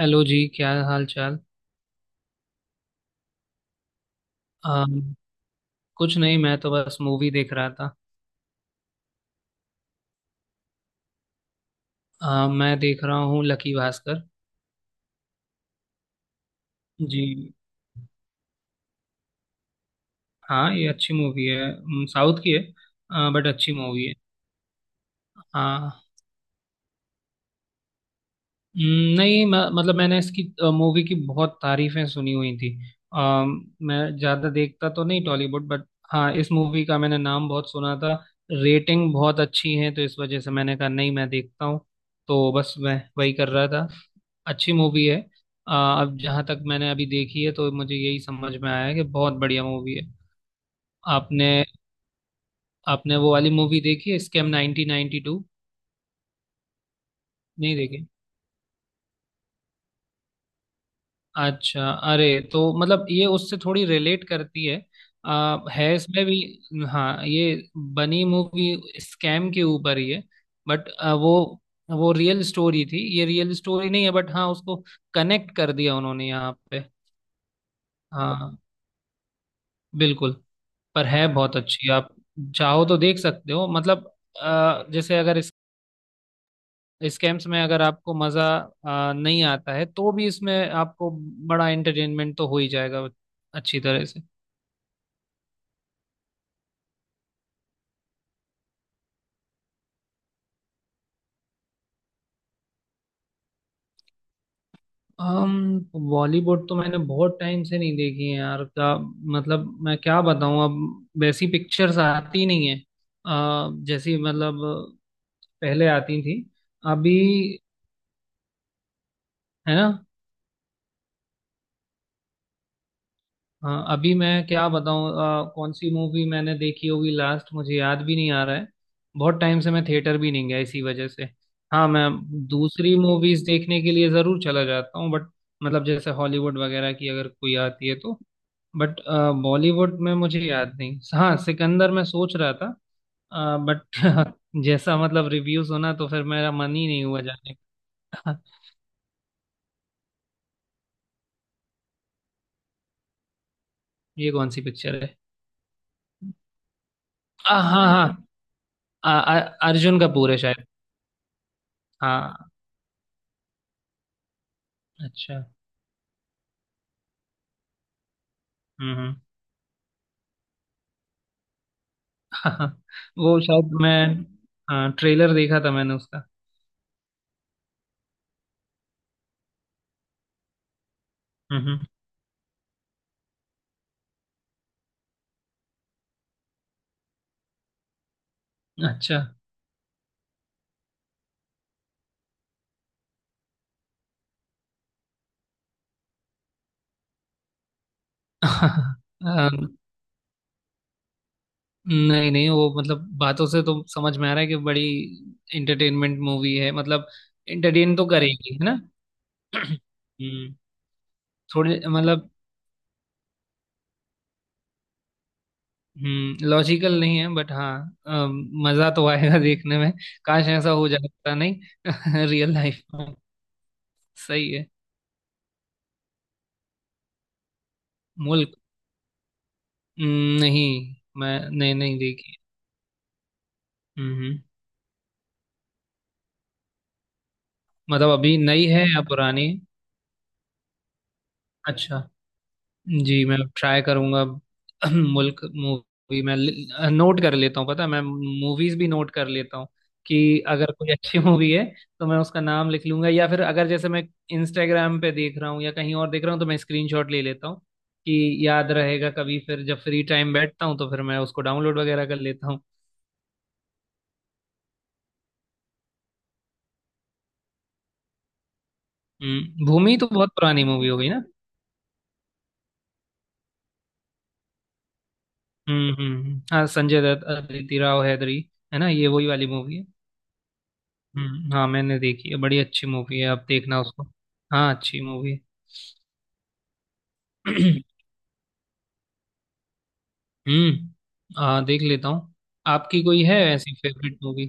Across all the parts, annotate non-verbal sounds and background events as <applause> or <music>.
Hello जी, क्या हाल चाल। अम, कुछ नहीं, मैं तो बस मूवी देख रहा था। मैं देख रहा हूँ लकी भास्कर। जी, हाँ ये अच्छी मूवी है, साउथ की है। बट अच्छी मूवी है। हाँ नहीं, मतलब मैंने इसकी मूवी की बहुत तारीफें सुनी हुई थी। मैं ज़्यादा देखता तो नहीं टॉलीवुड, बट हाँ इस मूवी का मैंने नाम बहुत सुना था। रेटिंग बहुत अच्छी है तो इस वजह से मैंने कहा नहीं मैं देखता हूँ। तो बस मैं वही कर रहा था। अच्छी मूवी है। अब जहाँ तक मैंने अभी देखी है तो मुझे यही समझ में आया है कि बहुत बढ़िया मूवी है। आपने, आपने वो वाली मूवी देखी है, स्कैम 1992? नहीं देखी। अच्छा, अरे, तो मतलब ये उससे थोड़ी रिलेट करती है। है इसमें भी। हाँ ये बनी मूवी स्कैम के ऊपर ही है। बट वो वो रियल स्टोरी थी, ये रियल स्टोरी नहीं है, बट हाँ उसको कनेक्ट कर दिया उन्होंने यहाँ पे। हाँ, बिल्कुल। पर है बहुत अच्छी, आप चाहो तो देख सकते हो मतलब। जैसे अगर इस स्कैम्स में अगर आपको मज़ा नहीं आता है तो भी इसमें आपको बड़ा एंटरटेनमेंट तो हो ही जाएगा, अच्छी तरह से। हम, बॉलीवुड तो मैंने बहुत टाइम से नहीं देखी है यार। क्या मतलब मैं क्या बताऊं, अब वैसी पिक्चर्स आती नहीं है, जैसी मतलब पहले आती थी। अभी, है ना। हाँ, अभी मैं क्या बताऊँ, कौन सी मूवी मैंने देखी होगी लास्ट, मुझे याद भी नहीं आ रहा है। बहुत टाइम से मैं थिएटर भी नहीं गया इसी वजह से। हाँ, मैं दूसरी मूवीज देखने के लिए ज़रूर चला जाता हूँ, बट मतलब जैसे हॉलीवुड वगैरह की अगर कोई आती है तो, बट बॉलीवुड में मुझे याद नहीं। हाँ, सिकंदर मैं सोच रहा था, बट <laughs> जैसा मतलब रिव्यू सुना तो फिर मेरा मन ही नहीं हुआ जाने का। <laughs> ये कौन सी पिक्चर है? हाँ हाँ, आ, आ, अर्जुन कपूर है शायद। हाँ। अच्छा। हम्म। हम्म। <laughs> वो शायद मैं, हाँ ट्रेलर देखा था मैंने उसका। हम्म। हम्म। अच्छा। <laughs> हाँ। नहीं नहीं, वो मतलब बातों से तो समझ में आ रहा है कि बड़ी एंटरटेनमेंट मूवी है मतलब। एंटरटेन तो करेगी, है ना। <clears throat> हम्म। थोड़े मतलब, लॉजिकल नहीं है, बट हाँ, मजा तो आएगा देखने में। काश ऐसा हो जाता, नहीं <laughs> रियल लाइफ में। सही है। मुल्क, नहीं मैं, नहीं नहीं देखी। हम्म। मतलब अभी नई है या पुरानी? अच्छा। जी, मैं ट्राई करूंगा। <clears throat> मुल्क मूवी मैं नोट कर लेता हूँ। पता है, मैं मूवीज भी नोट कर लेता हूँ कि अगर कोई अच्छी <laughs> मूवी है तो मैं उसका नाम लिख लूंगा, या फिर अगर जैसे मैं इंस्टाग्राम पे देख रहा हूँ या कहीं और देख रहा हूँ तो मैं स्क्रीनशॉट ले लेता हूँ कि याद रहेगा, कभी फिर जब फ्री टाइम बैठता हूँ तो फिर मैं उसको डाउनलोड वगैरह कर लेता हूँ। भूमि तो बहुत पुरानी मूवी हो गई ना। हाँ, संजय दत्त, अदिति राव हैदरी, है ना, ये वही वाली मूवी है। हाँ, मैंने देखी है, बड़ी अच्छी मूवी है, आप देखना उसको। हाँ, अच्छी मूवी। <clears throat> हम्म। हाँ, देख लेता हूँ। आपकी कोई है ऐसी फेवरेट मूवी?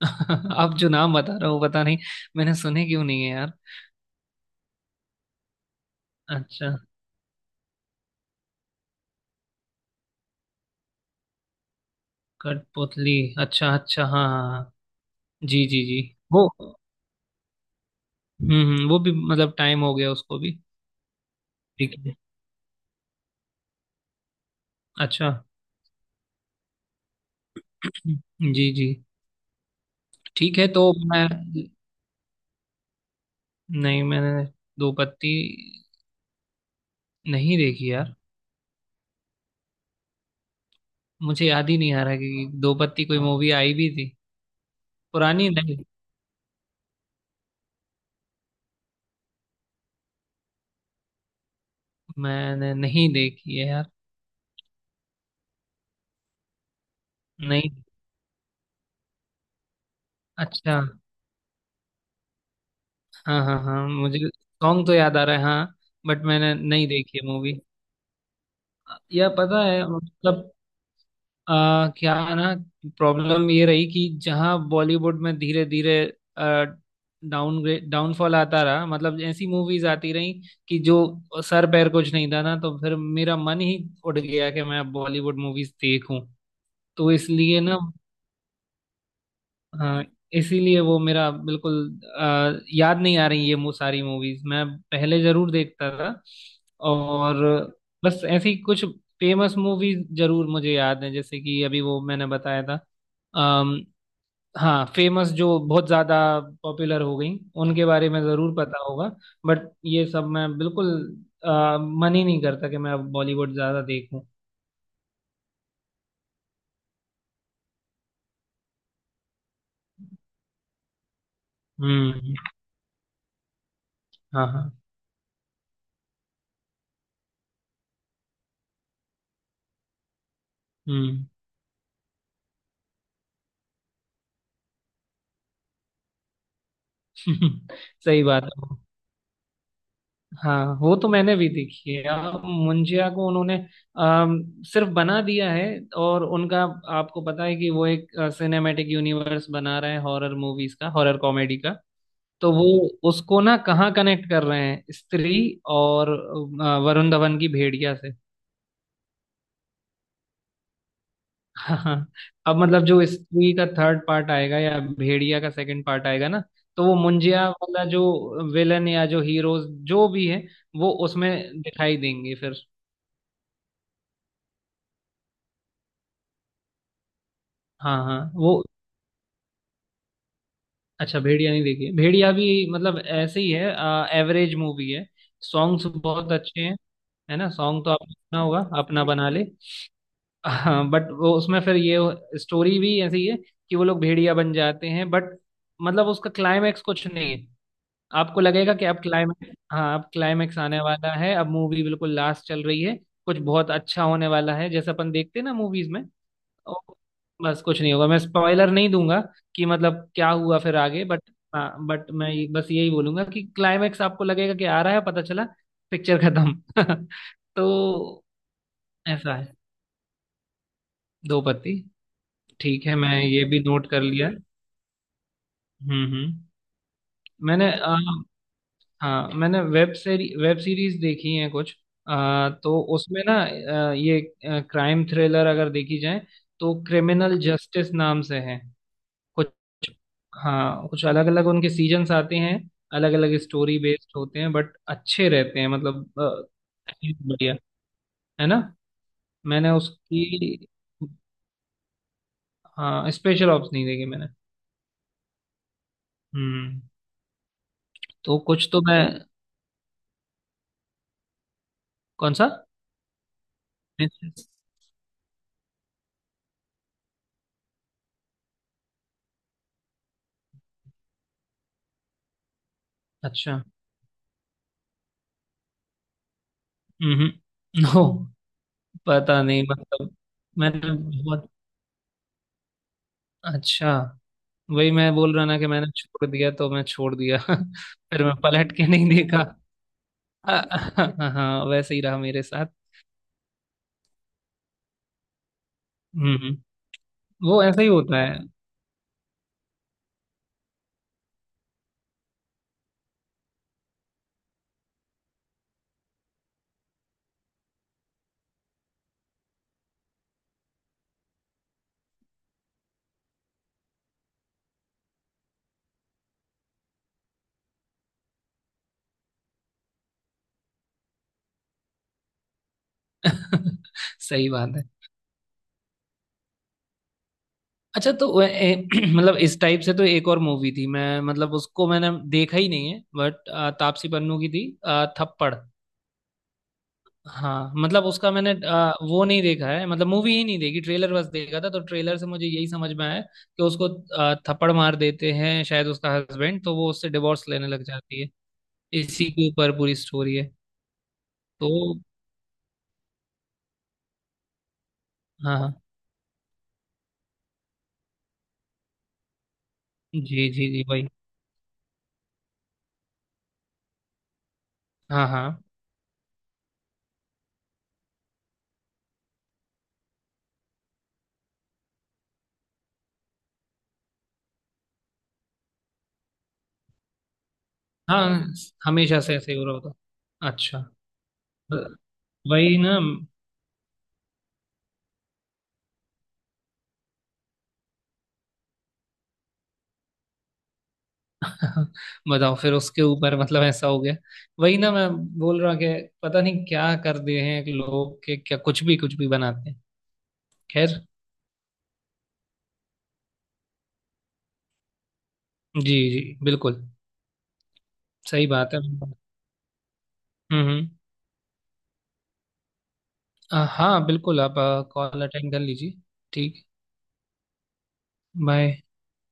<laughs> आप जो नाम बता रहे हो पता नहीं मैंने सुने क्यों नहीं है यार। अच्छा। कठपुतली? अच्छा अच्छा, हाँ हाँ हाँ। जी जी जी। वो, वो भी मतलब टाइम हो गया उसको भी। ठीक है। अच्छा। जी जी। ठीक है, तो मैं, नहीं मैंने दो पत्ती नहीं देखी यार। मुझे याद ही नहीं आ रहा कि दो पत्ती कोई मूवी आई भी थी। पुरानी? नहीं मैंने नहीं देखी है यार। नहीं। अच्छा। हाँ हाँ हाँ, मुझे सॉन्ग तो याद आ रहा है हाँ। बट मैंने नहीं देखी है मूवी। यह पता है मतलब, क्या है ना, प्रॉब्लम ये रही कि जहाँ बॉलीवुड में धीरे धीरे डाउनग्रेड, डाउनफॉल आता रहा, मतलब ऐसी मूवीज आती रही कि जो सर पैर कुछ नहीं था ना, तो फिर मेरा मन ही उठ गया कि मैं बॉलीवुड मूवीज देखूं। तो इसलिए ना, हाँ, इसीलिए वो मेरा बिल्कुल, याद नहीं आ रही ये मु सारी मूवीज, मैं पहले जरूर देखता था। और बस ऐसी कुछ फेमस मूवीज जरूर मुझे याद है, जैसे कि अभी वो मैंने बताया था। अम, हाँ, फेमस जो बहुत ज्यादा पॉपुलर हो गई, उनके बारे में जरूर पता होगा। बट ये सब मैं बिल्कुल, मन ही नहीं करता कि मैं अब बॉलीवुड ज्यादा देखूं। हम्म। हाँ हाँ। हम्म। <laughs> सही बात है। हाँ, वो तो मैंने भी देखी है। अब मुंजिया को उन्होंने सिर्फ बना दिया है। और उनका, आपको पता है कि वो एक सिनेमैटिक यूनिवर्स बना रहे हैं हॉरर मूवीज का, हॉरर कॉमेडी का। तो वो उसको ना कहाँ कनेक्ट कर रहे हैं, स्त्री और वरुण धवन की भेड़िया से। हाँ। अब मतलब जो स्त्री का थर्ड पार्ट आएगा या भेड़िया का सेकंड पार्ट आएगा ना, तो वो मुंजिया वाला जो विलन या जो हीरोज जो भी है, वो उसमें दिखाई देंगे फिर। हाँ हाँ वो, अच्छा भेड़िया नहीं देखी है। भेड़िया भी मतलब ऐसे ही है, एवरेज मूवी है। सॉन्ग्स बहुत अच्छे हैं। है ना, सॉन्ग तो आपने सुना होगा, अपना बना ले। हाँ, बट वो उसमें फिर ये स्टोरी भी ऐसी है कि वो लोग भेड़िया बन जाते हैं, बट मतलब उसका क्लाइमैक्स कुछ नहीं है। आपको लगेगा कि अब क्लाइमैक्स, हाँ अब क्लाइमैक्स आने वाला है, अब मूवी बिल्कुल लास्ट चल रही है, कुछ बहुत अच्छा होने वाला है, जैसे अपन देखते हैं ना मूवीज में। ओ, बस कुछ नहीं होगा, मैं स्पॉइलर नहीं दूंगा कि मतलब क्या हुआ फिर आगे, बट हाँ, बट मैं बस यही बोलूंगा कि क्लाइमेक्स आपको लगेगा कि आ रहा है, पता चला पिक्चर खत्म। <laughs> तो ऐसा है दो पत्ती। ठीक है, मैं ये भी नोट कर लिया। हम्म। मैंने हाँ मैंने वेब सीरीज देखी है कुछ, तो उसमें ना ये क्राइम थ्रिलर अगर देखी जाए तो क्रिमिनल जस्टिस नाम से है कुछ। हाँ, कुछ अलग अलग उनके सीजन्स आते हैं, अलग अलग स्टोरी बेस्ड होते हैं, बट अच्छे रहते हैं मतलब बढ़िया, है ना। मैंने उसकी, हाँ स्पेशल ऑप्स नहीं देखी मैंने। हम्म। तो कुछ तो मैं, कौन सा? Princess? अच्छा। हम्म। <laughs> नो। पता नहीं मतलब, मैंने, बहुत, अच्छा, वही मैं बोल रहा ना कि मैंने छोड़ दिया तो मैं छोड़ दिया, <laughs> फिर मैं पलट के नहीं देखा। <laughs> हाँ हाँ, हाँ, वैसे ही रहा मेरे साथ। हम्म। वो ऐसा ही होता है। <laughs> सही बात है। अच्छा, तो वो <clears throat> मतलब इस टाइप से तो एक और मूवी थी, मैं मतलब उसको मैंने देखा ही नहीं है बट तापसी पन्नू की थी, थप्पड़। हाँ, मतलब उसका मैंने वो नहीं देखा है, मतलब मूवी ही नहीं देखी, ट्रेलर बस देखा था, तो ट्रेलर से मुझे यही समझ में आया कि उसको थप्पड़ मार देते हैं शायद उसका हस्बैंड, तो वो उससे डिवोर्स लेने लग जाती है, इसी के ऊपर पूरी स्टोरी है। तो हाँ हाँ, जी जी जी भाई। हाँ हाँ हाँ, हमेशा से ऐसे ही हो रहा होता। अच्छा, ब- वही ना। <laughs> बताओ, फिर उसके ऊपर मतलब ऐसा हो गया। वही ना मैं बोल रहा कि पता नहीं क्या कर दिए हैं कि लोग के क्या, कुछ भी बनाते हैं। खैर, जी जी बिल्कुल। सही बात है। हम्म। हम्म। हाँ बिल्कुल, आप कॉल अटेंड कर लीजिए। ठीक। बाय।